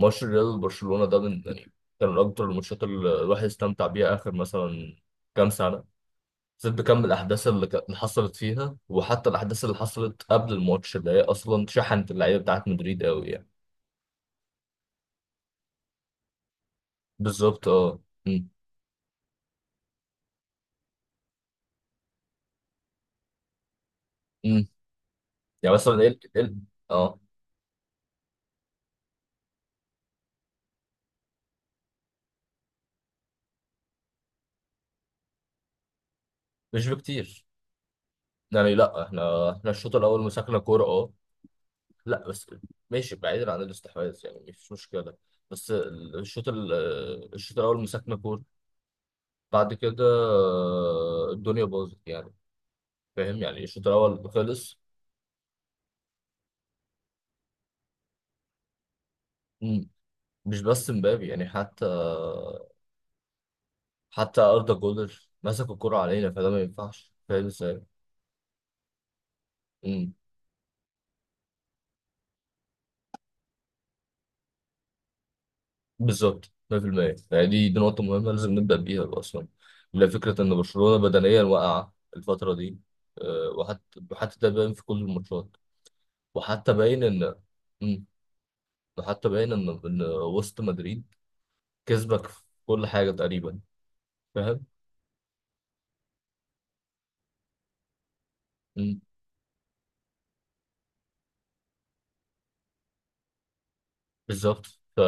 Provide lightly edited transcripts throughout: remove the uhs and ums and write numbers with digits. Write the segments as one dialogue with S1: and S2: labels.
S1: ماتش الريال وبرشلونة ده من يعني كان من أكتر الماتشات اللي الواحد استمتع بيها آخر مثلا كام سنة. زاد بكم الأحداث اللي حصلت فيها، وحتى الأحداث اللي حصلت قبل الماتش اللي هي أصلا شحنت اللعيبة بتاعت مدريد أوي يعني. بالظبط. أه. أمم. أمم. يعني مثلا إيه. أه. مش بكتير، يعني. لا، إحنا الشوط الأول مسكنا كورة. أه. لا بس، ماشي، بعيدا عن الاستحواذ، يعني مفيش مشكلة. بس الشوط الأول مسكنا كورة. بعد كده الدنيا باظت يعني. فاهم؟ يعني الشوط الاول خلص. مم. مش بس مبابي يعني، حتى اردا جولر مسك الكرة علينا، فده ما ينفعش، فاهم ازاي؟ مم. بالظبط. 100%. يعني دي نقطة مهمة لازم نبدأ بيها أصلا. لا، فكرة إن برشلونة بدنيا واقعة الفترة دي. وحتى ده باين في كل الماتشات. وحتى باين إن. مم. وحتى باين إن وسط مدريد كسبك في كل حاجة تقريبا، فاهم. بالظبط. ف...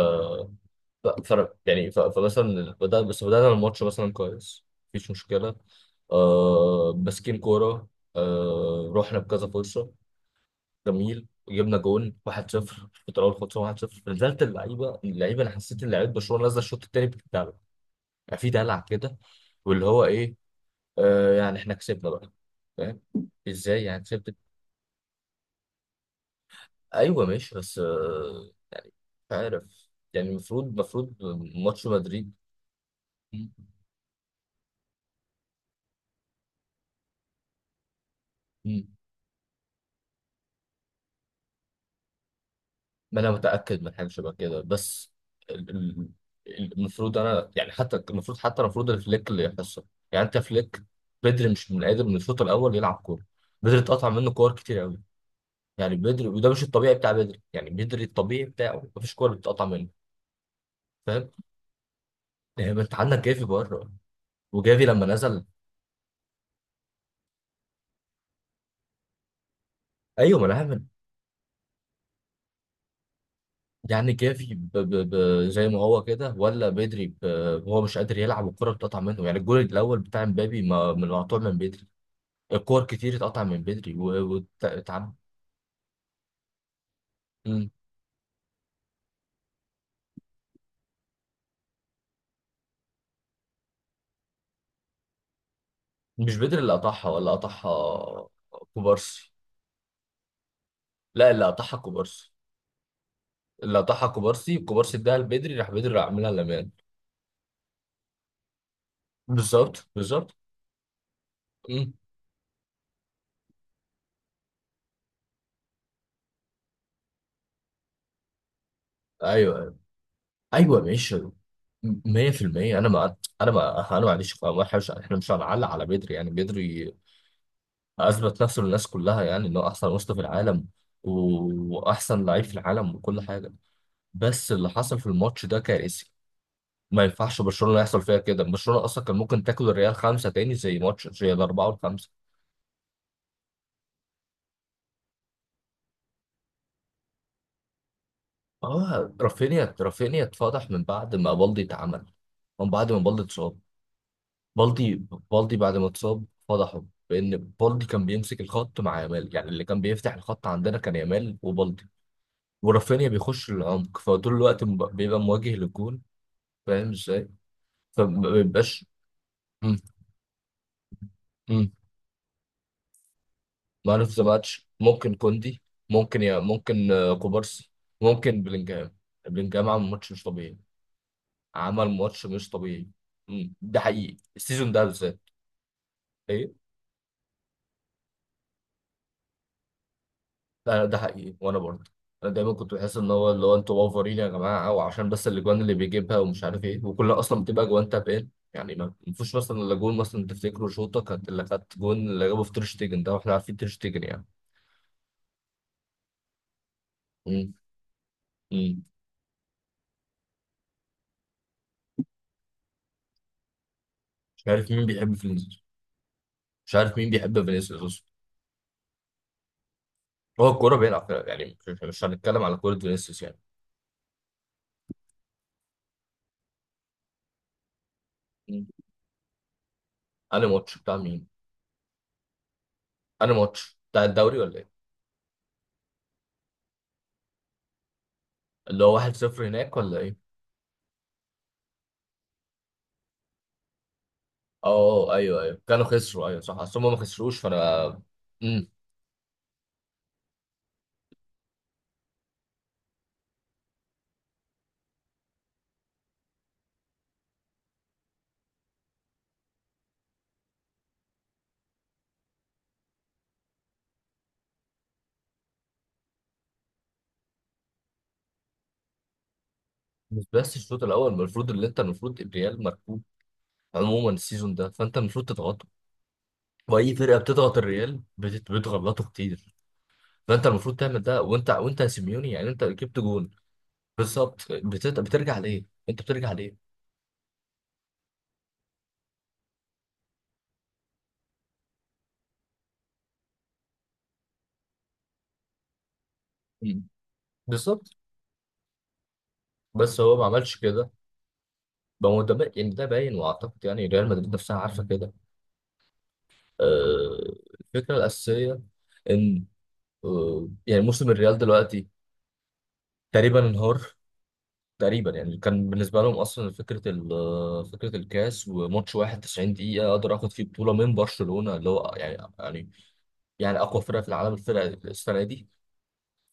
S1: ف... فمثلا بدأنا الماتش مثلا كويس، مفيش مشكلة. ماسكين كورة. رحنا بكذا فرصة، جميل، جبنا جون 1-0. الفترة الأولى خلصنا 1-0. نزلت اللعيبة، أنا حسيت إن لعيبة برشلونة نازلة الشوط التاني بتدلع، يعني في دلع كده واللي هو إيه. يعني إحنا كسبنا بقى، فاهم إزاي يعني كسبت. أيوه ماشي، بس مش عارف يعني، المفروض ماتش مدريد. مم. ما انا متاكد من حاجه شبه كده، بس ال- ال- المفروض انا، يعني حتى المفروض الفليك اللي يحصل. يعني انت فليك بدري مش قادر من الشوط الاول يلعب كوره. بدري اتقطع منه كور كتير قوي يعني. بدري، وده مش الطبيعي بتاع بدري، يعني بدري الطبيعي بتاعه مفيش كوره بتتقطع منه، فاهم. يعني ما انت عندك جافي بره، وجافي لما نزل. ايوه، ما انا هعمل. يعني جافي زي ما هو كده، ولا بدري هو مش قادر يلعب والكوره بتقطع منه، يعني الجول الاول بتاع مبابي ما... من مقطوع من بدري. الكور كتير اتقطع من بدري وتعب. مش بدري اللي قطعها، ولا قطعها كوبارسي؟ لا، اللي قطعها كوبارسي. كوبارسي اداها لبدري، راح بدري راح عاملها لمان. بالظبط، بالظبط. مم. ايوه، ايوه. ايوه، ماشي. 100%. انا ما عنديش، ما إحنا مش احنا مش هنعلق على بدري، يعني بدري اثبت نفسه للناس كلها، يعني انه احسن وسط في العالم و- واحسن لعيب في العالم وكل حاجه. بس اللي حصل في الماتش ده كارثي. ما ينفعش برشلونه يحصل فيها كده، برشلونه اصلا كان ممكن تاكل الريال خمسه تاني، زي ماتش زي الاربعه والخمسه. اه، رافينيا اتفضح من بعد ما بالدي اتصاب. بالدي بالدي بعد ما اتصاب فضحه، بان بالدي كان بيمسك الخط مع يامال، يعني اللي كان بيفتح الخط عندنا كان يامال وبالدي. ورافينيا بيخش العمق، فطول الوقت بيبقى مواجه للجون، فاهم ازاي؟ فما بيبقاش. إمم. إمم. مان اوف ذا ماتش ممكن كوندي. ممكن كوبارسي. ممكن بلينجهام. بلينجهام عمل ماتش مش طبيعي. عمل ماتش مش طبيعي. مم. ده حقيقي السيزون ده بالذات. ايه. ده حقيقي. وانا برضه انا دايما كنت بحس ان هو انتوا اوفرين يا جماعه، او عشان بس الاجوان اللي بيجيبها ومش عارف ايه، وكلها اصلا بتبقى اجوان تابين، يعني ما فيش مثلا الا جون مثلا، تفتكروا شوطه كانت اللي كانت جون اللي جابه في تير شتيجن ده، واحنا عارفين تير شتيجن يعني. مم. مم. مش عارف مين بيحب فينيسيوس. مش عارف مين بيحب فينيسيوس. هو الكوره بيلعب فيها، يعني مش هنتكلم على كوره فينيسيوس يعني. مم. انا ماتش بتاع مين؟ انا ماتش بتاع الدوري ولا ايه؟ اللي هو 1-0 هناك ولا ايه؟ اه. آه. آه. ايوه، ايوه، كانوا خسروا. ايوه صح، اصل هم ما خسروش فانا. امم. مش بس الشوط الاول المفروض، اللي انت المفروض الريال مركوب عموما السيزون ده، فانت المفروض تضغطه. واي فرقه بتضغط الريال بتغلطه كتير. فانت المفروض تعمل ده، وانت يا سيميوني، يعني انت جبت جون بالظبط. بترجع ليه؟ انت بترجع ليه؟ مم. بالظبط. بس هو ما عملش كده. ما هو يعني ده باين، واعتقد يعني ريال مدريد نفسها عارفه كده. آه، الفكره الاساسيه ان يعني موسم الريال دلوقتي تقريبا انهار. تقريبا يعني كان بالنسبه لهم اصلا فكره ال- آه، فكره الكاس، وماتش واحد 90 دقيقه اقدر اخد فيه بطوله من برشلونه، اللي هو يعني، يعني يعني اقوى فرقه في العالم الفرقه السنه دي.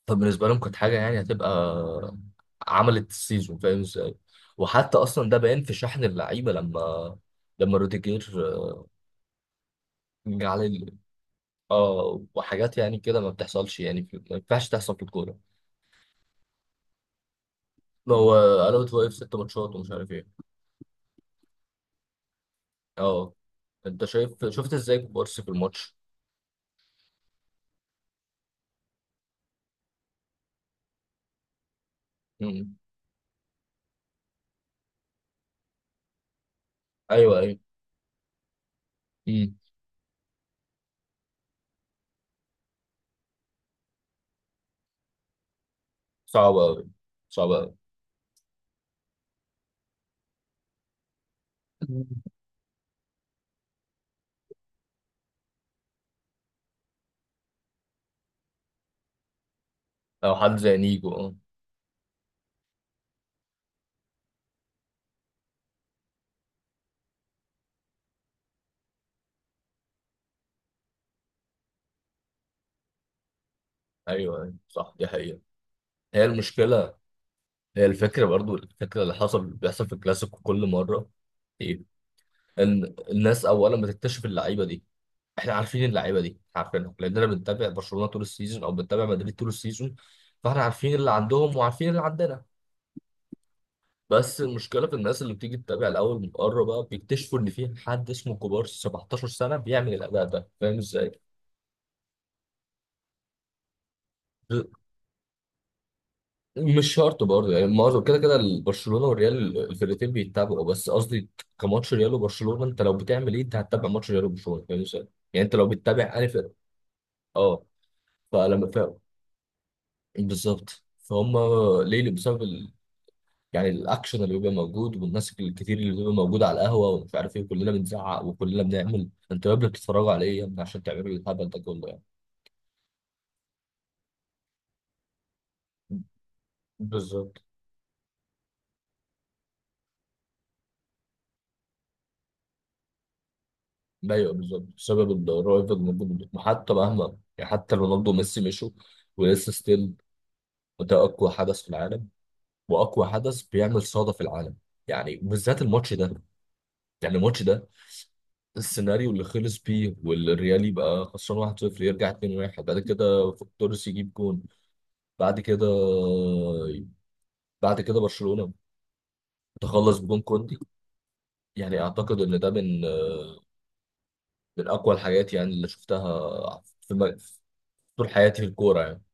S1: فبالنسبه لهم كانت حاجه يعني هتبقى عملت السيزون، فاهم ازاي. وحتى اصلا ده باين في شحن اللعيبه، لما روديجير جه عليه، اه، وحاجات يعني كده ما بتحصلش، يعني ما ينفعش تحصل في الكوره. ما هو قلبت، واقف ست ماتشات ومش عارف ايه. اه. انت شايف شفت ازاي كوبارسي في الماتش. مم. ايوه، ايوه. مم. صعب قوي، صعب قوي. او حد زي نيجو، اه. ايوه، ايوه صح، دي حقيقه. هي المشكله، هي الفكره برضو، الفكره اللي حصل بيحصل في الكلاسيكو كل مره. ايه. ان الناس اولا بتكتشف اللعيبه دي، احنا عارفين اللعيبه دي، عارفينهم لاننا بنتابع برشلونه طول السيزون، او بنتابع مدريد طول السيزون. فاحنا عارفين اللي عندهم وعارفين اللي عندنا. بس المشكله في الناس اللي بتيجي تتابع الاول من بره بقى، بيكتشفوا ان في حد اسمه كوبارسي 17 سنه بيعمل الاداء ده، فاهم ازاي؟ مش شرط برضه، يعني معظم كده كده برشلونه والريال الفرقتين بيتابعوا، بس قصدي كماتش ريال وبرشلونه، انت لو بتعمل ايه انت هتتابع ماتش ريال وبرشلونه، فاهم ازاي؟ يعني انت لو بتتابع انهي فرقه. اه. فلما فاهم، بالظبط، فهم ليه، بسبب يعني الاكشن اللي بيبقى موجود، والناس الكتير اللي بتبقى موجوده على القهوه ومش عارف ايه، كلنا بنزعق وكلنا بنعمل انتوا يا ابني بتتفرجوا على ايه يا ابني عشان تعملوا الهبل ده كله يعني. بالظبط. ايوه، بالظبط، بسبب الرأي اللي موجود، حتى مهما يعني، حتى رونالدو وميسي مشوا ولسه ستيل ده اقوى حدث في العالم، واقوى حدث بيعمل صدى في العالم، يعني بالذات الماتش ده. يعني الماتش ده السيناريو اللي خلص بيه، والريال يبقى خسران 1-0 يرجع 2-1، بعد كده توريس يجيب جون، بعد كده برشلونة تخلص بجون كوندي. يعني اعتقد ان ده من اقوى الحاجات، يعني اللي شفتها في في طول حياتي في الكورة يعني.